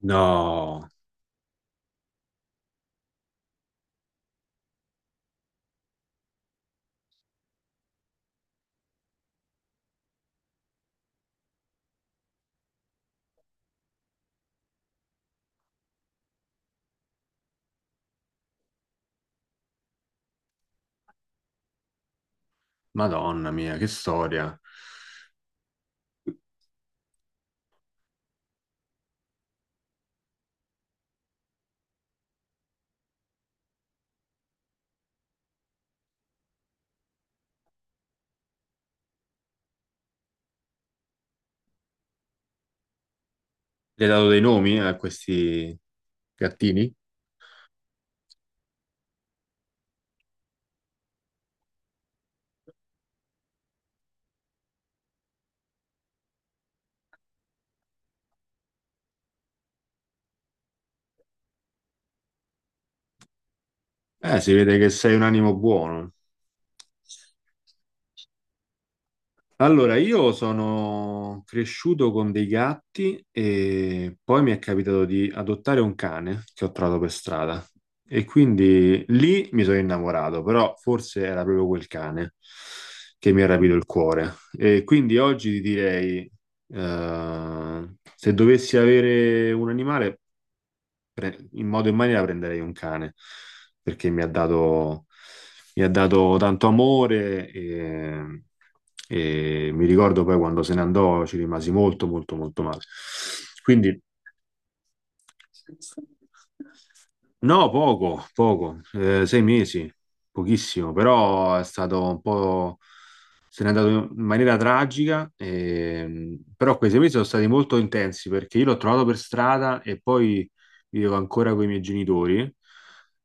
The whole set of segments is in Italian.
No, Madonna mia, che storia. Le hai dato dei nomi a questi gattini? Si vede che sei un animo buono. Allora, io sono cresciuto con dei gatti e poi mi è capitato di adottare un cane che ho trovato per strada e quindi lì mi sono innamorato, però forse era proprio quel cane che mi ha rapito il cuore. E quindi oggi ti direi, se dovessi avere un animale, in modo e in maniera prenderei un cane, perché mi ha dato tanto amore e mi ricordo poi quando se ne andò ci rimasi molto, molto, molto male. Quindi. No, poco, poco, 6 mesi, pochissimo, però è stato un po'. Se n'è andato in maniera tragica, però quei 6 mesi sono stati molto intensi perché io l'ho trovato per strada e poi vivevo ancora con i miei genitori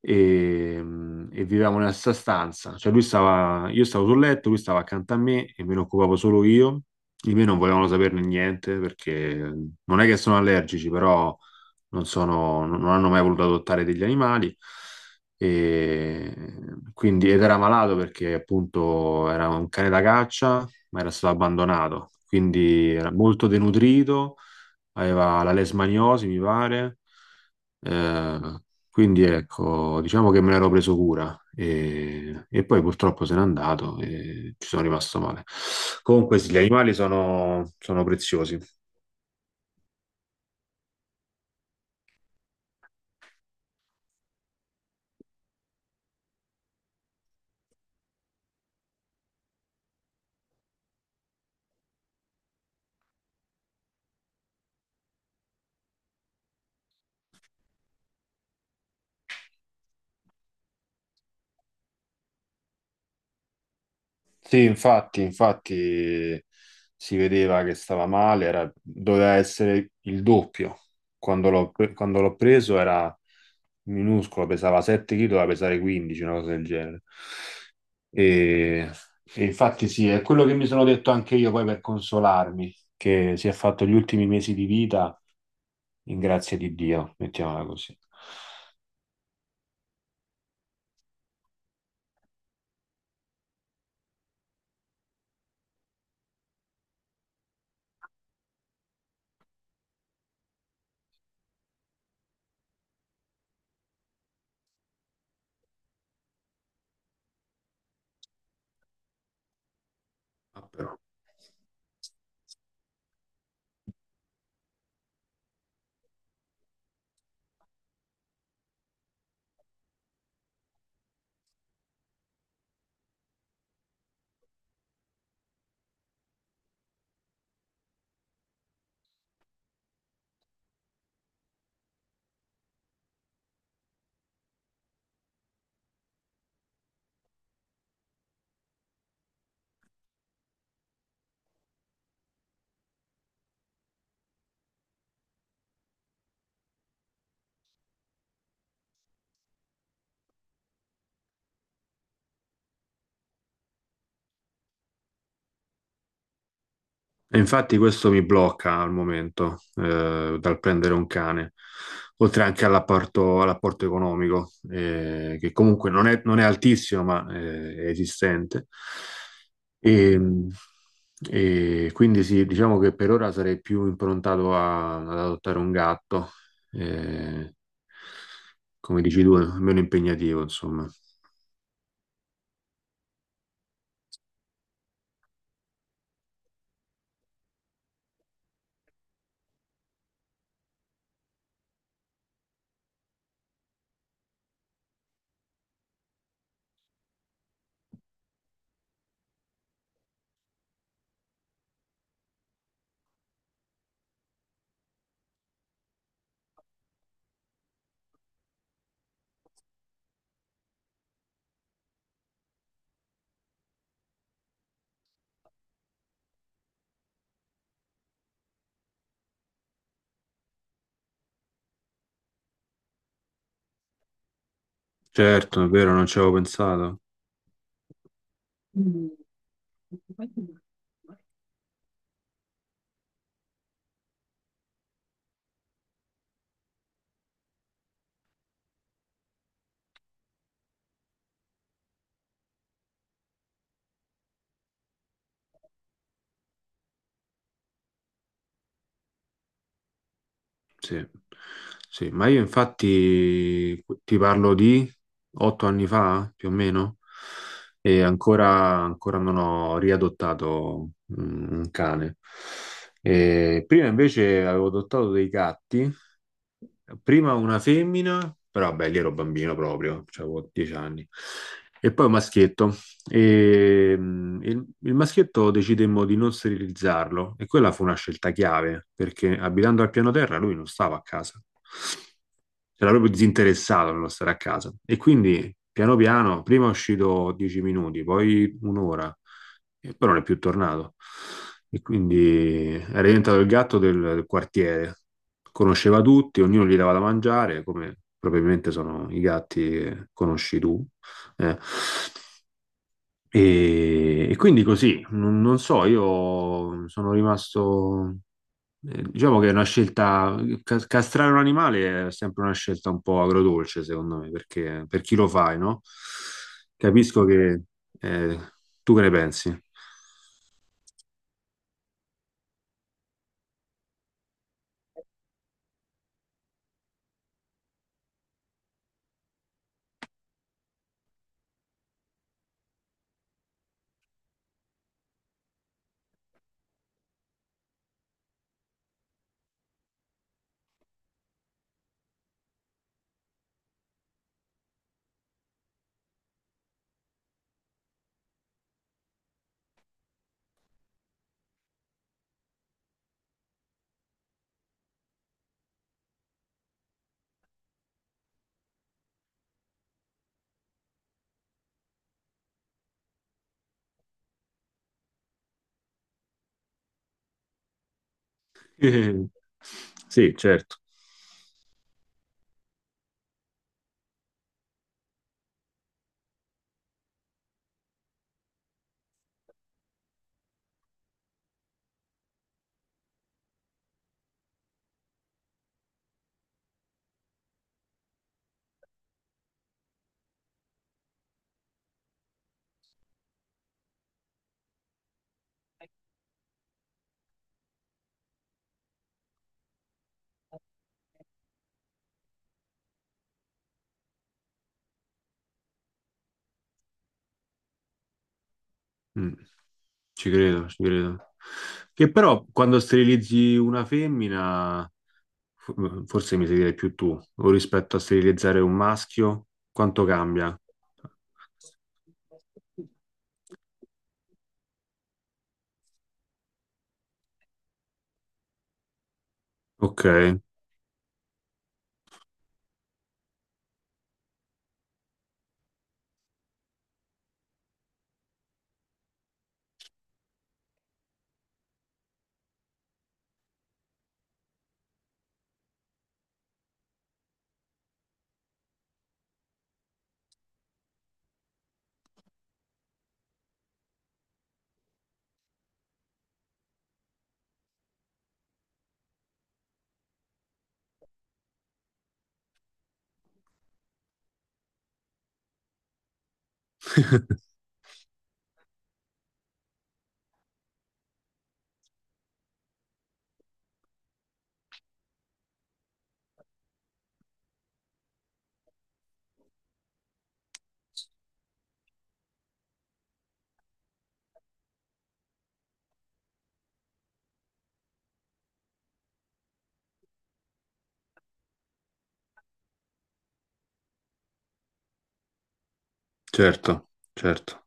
e, e vivevamo nella stessa stanza, cioè lui stava, io stavo sul letto, lui stava accanto a me e me ne occupavo solo io, di me non volevano saperne niente perché non è che sono allergici, però non hanno mai voluto adottare degli animali. E quindi, ed era malato perché appunto era un cane da caccia, ma era stato abbandonato, quindi era molto denutrito, aveva la lesmaniosi, mi pare. Eh, quindi ecco, diciamo che me l'ero preso cura e poi purtroppo se n'è andato e ci sono rimasto male. Comunque sì, gli animali sono preziosi. Sì, infatti, infatti si vedeva che stava male, doveva essere il doppio. Quando l'ho preso era minuscolo, pesava 7 kg, doveva pesare 15, una cosa del genere. E, e infatti sì, è quello che mi sono detto anche io poi per consolarmi, che si è fatto gli ultimi mesi di vita in grazia di Dio, mettiamola così. E infatti questo mi blocca al momento dal prendere un cane, oltre anche all'apporto economico, che comunque non è altissimo, ma è esistente. E, e quindi sì, diciamo che per ora sarei più improntato ad adottare un gatto, eh, come dici tu, meno impegnativo, insomma. Certo, è vero, non ci avevo pensato. Sì, sì, ma io infatti ti parlo di 8 anni fa, più o meno, e ancora non ho riadottato un cane. E prima invece avevo adottato dei gatti, prima una femmina, però vabbè, lì ero bambino proprio, cioè avevo 10 anni, e poi un maschietto. E il maschietto decidemmo di non sterilizzarlo e quella fu una scelta chiave perché abitando al piano terra lui non stava a casa, era proprio disinteressato nello stare a casa. E quindi piano piano, prima è uscito 10 minuti, poi un'ora, e poi non è più tornato. E quindi era diventato il gatto del quartiere, conosceva tutti, ognuno gli dava da mangiare, come probabilmente sono i gatti che conosci tu. eh. E quindi così, non so, io sono rimasto, diciamo che è una scelta, castrare un animale è sempre una scelta un po' agrodolce, secondo me, perché per chi lo fai, no? Capisco che eh, tu che ne pensi. Sì, certo. Mm. Ci credo, ci credo. Che però quando sterilizzi una femmina, forse mi sai dire più tu, o rispetto a sterilizzare un maschio, quanto cambia? Ok, certo, certo.